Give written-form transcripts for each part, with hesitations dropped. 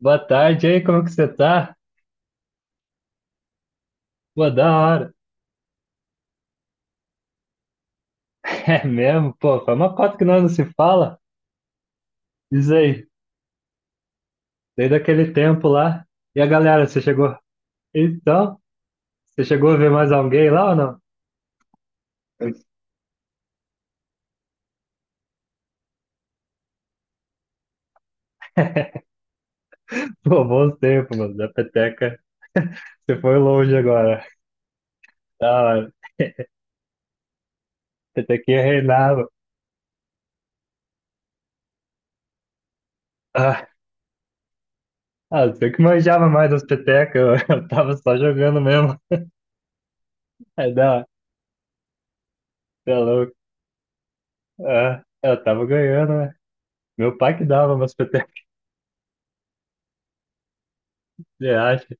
Boa tarde aí, como que você tá? Pô, da hora. É mesmo? Pô, foi uma cota que nós não se fala. Diz aí, desde aquele tempo lá. E a galera, você chegou? Então, você chegou a ver mais alguém lá ou não? Pô, bons tempos, mano. Da peteca, você foi longe agora. Da hora. Petequinha reinava. Ah, ah, você que manjava mais das petecas, eu, eu tava só jogando mesmo. É da hora, você é louco. Ah, eu tava ganhando, né? Meu pai que dava umas petecas,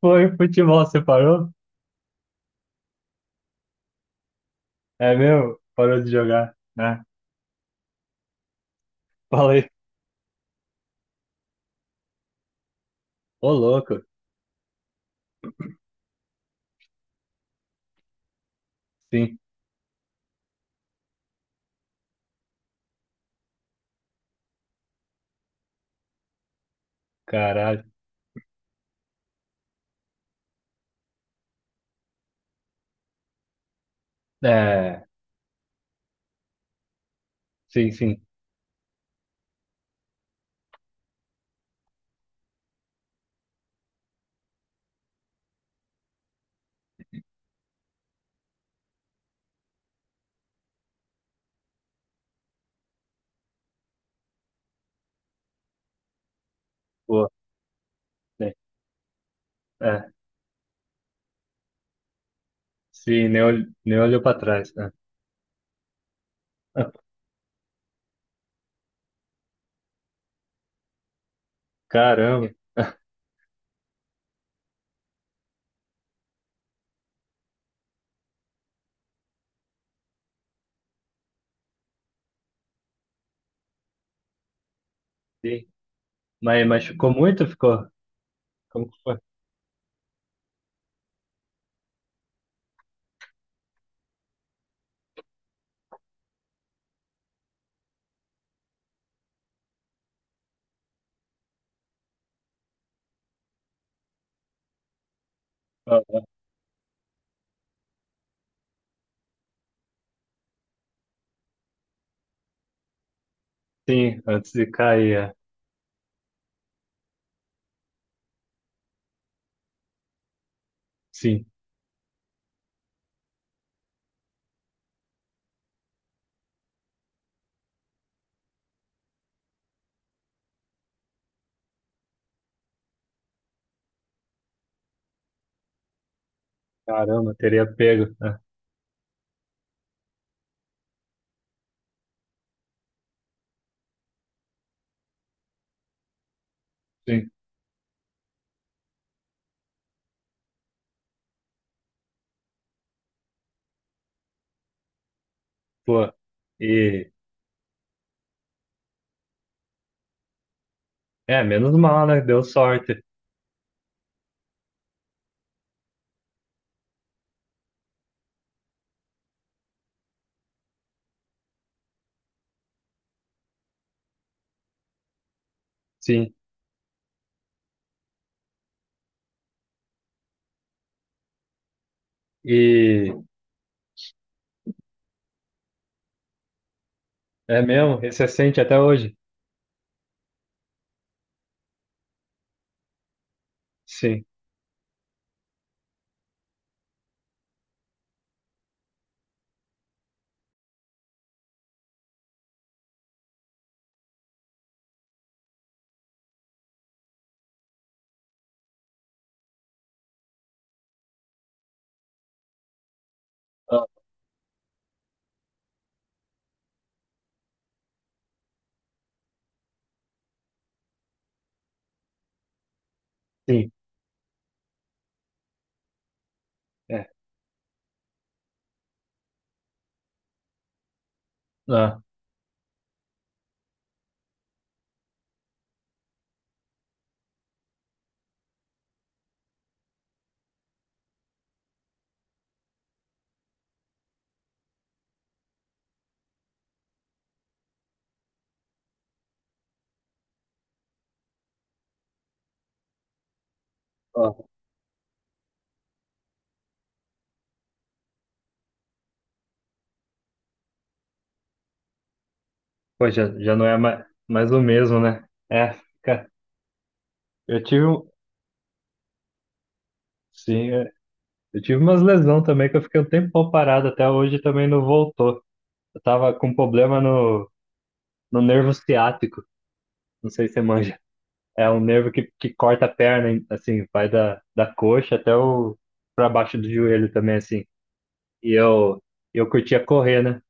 Foi, futebol separou? É meu? Parou de jogar, né? Falei. Ô, louco. Sim, caralho. É, sim, sim. Pô, né? É, sim, nem olhou, nem olhou pra trás, né? Caramba, sim. Mas machucou muito? Ficou? Como que foi? Ah, sim, antes de cair, é. Sim. Caramba, teria pego, né? Sim, pô. E, é, menos mal, né? Deu sorte. Sim. E, é mesmo? E você sente até hoje? Sim. Sim, é. Ah, ó, pô, já, já não é mais o mesmo, né? É, cara, eu tive, um- sim, é, eu tive umas lesão também que eu fiquei um tempão parado, até hoje também não voltou. Eu tava com problema no nervo ciático, não sei se você manja. É um nervo que corta a perna, hein, assim, vai da coxa até o, pra baixo do joelho também, assim. E eu, eu curtia correr, né?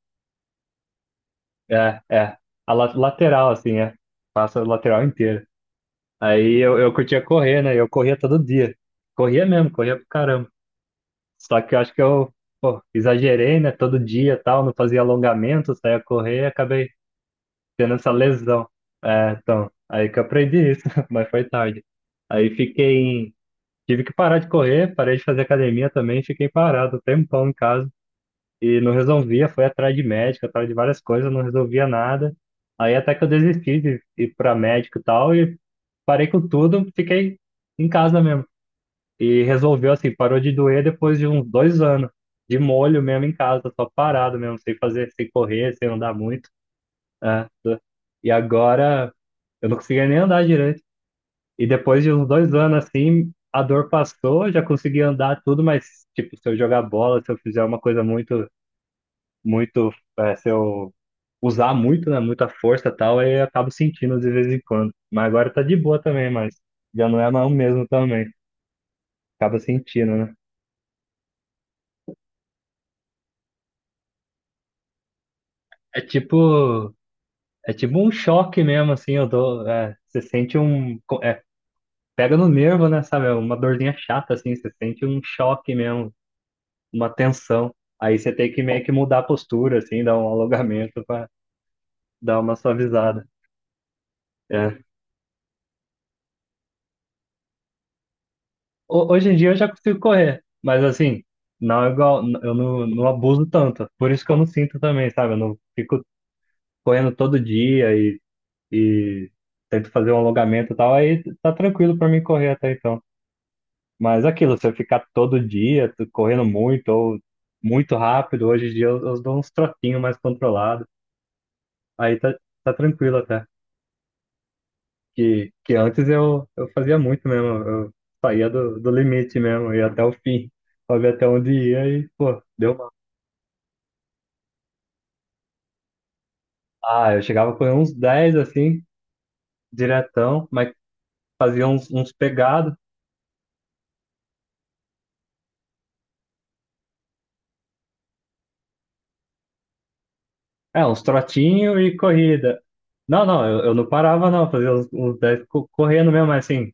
É, é. A la- lateral, assim, é. Passa a lateral inteira. Eu curtia correr, né? Eu corria todo dia. Corria mesmo, corria pra caramba. Só que eu acho que pô, exagerei, né? Todo dia e tal, não fazia alongamento, saía correr e acabei tendo essa lesão. É, então, aí que eu aprendi isso, mas foi tarde. Aí fiquei em... Tive que parar de correr, parei de fazer academia também, fiquei parado um tempão em casa e não resolvia, foi atrás de médico, atrás de várias coisas, não resolvia nada. Aí até que eu desisti de ir para médico e tal, e parei com tudo, fiquei em casa mesmo. E resolveu assim, parou de doer depois de uns dois anos, de molho mesmo em casa, só parado mesmo, sem fazer, sem correr, sem andar muito. Né? E agora eu não conseguia nem andar direito. E depois de uns dois anos assim, a dor passou, já consegui andar tudo, mas tipo, se eu jogar bola, se eu fizer uma coisa muito muito, é, se eu usar muito, né, muita força e tal, aí eu acabo sentindo de vez em quando. Mas agora tá de boa também, mas já não é mais o mesmo também. Acaba sentindo, né? É tipo, é tipo um choque mesmo, assim, eu dou, é, você sente um, é, pega no nervo, né, sabe? É uma dorzinha chata, assim, você sente um choque mesmo, uma tensão. Aí você tem que meio que mudar a postura, assim, dar um alongamento pra dar uma suavizada. É. Hoje em dia eu já consigo correr, mas assim, não é igual, eu não, não abuso tanto. Por isso que eu não sinto também, sabe? Eu não fico correndo todo dia e tento fazer um alongamento e tal, aí tá tranquilo pra mim correr até então. Mas aquilo, se eu ficar todo dia correndo muito ou muito rápido, hoje em dia eu dou uns trotinhos mais controlados, aí tá, tá tranquilo até. Que antes eu fazia muito mesmo, eu saía do limite mesmo, ia até o fim, pra ver até onde ia e, pô, deu mal. Ah, eu chegava com uns 10 assim, diretão, mas fazia uns pegados, é, uns trotinho e corrida. Não, não, eu não parava não, fazia uns 10 co- correndo mesmo, mas assim,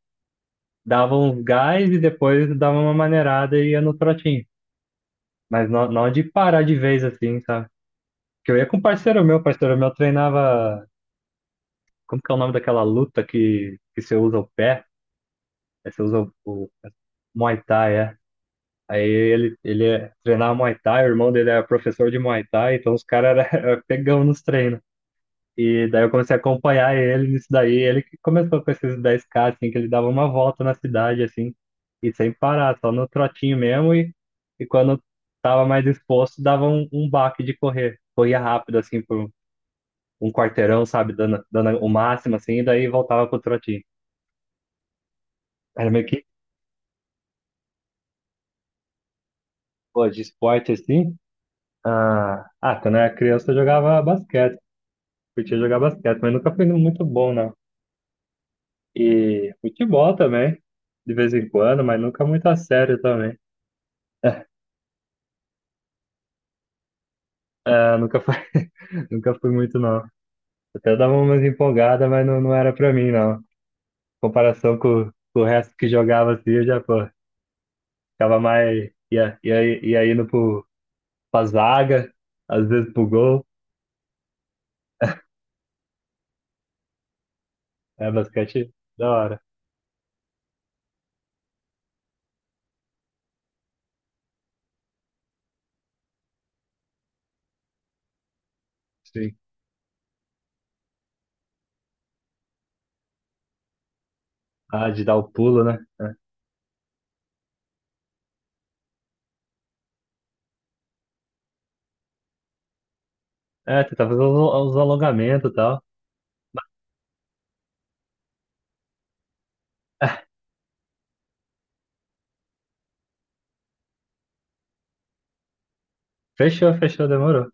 dava uns gás e depois dava uma maneirada e ia no trotinho. Mas não, não de parar de vez assim, sabe? Porque eu ia com um parceiro meu treinava Como que é o nome daquela luta que você usa o pé? Aí você usa o Muay Thai, é. Aí treinava Muay Thai, o irmão dele era professor de Muay Thai, então os caras era era pegão nos treinos. E daí eu comecei a acompanhar ele nisso daí. Ele que começou com esses 10K, assim, que ele dava uma volta na cidade, assim, e sem parar, só no trotinho mesmo. E quando tava mais disposto, dava um, um baque de correr. Corria rápido, assim, por um quarteirão, sabe, dando o máximo, assim, e daí voltava pro trotinho. Era meio que, pô, de esporte assim. Ah, quando eu era criança eu jogava basquete, curtia jogar basquete, mas nunca fui muito bom, não. E futebol também, de vez em quando, mas nunca muito a sério também. Ah, nunca fui, nunca fui muito, não. Até dava umas empolgadas, mas não, não era pra mim, não. Em comparação com o resto que jogava assim, eu já, pô, ficava mais. Ia, ia, ia indo pro, pra zaga, às vezes pro gol. É, basquete da hora, sim. Ah, de dar o pulo, né? É, tentar fazer os alongamentos e tal. Fechou, fechou, demorou.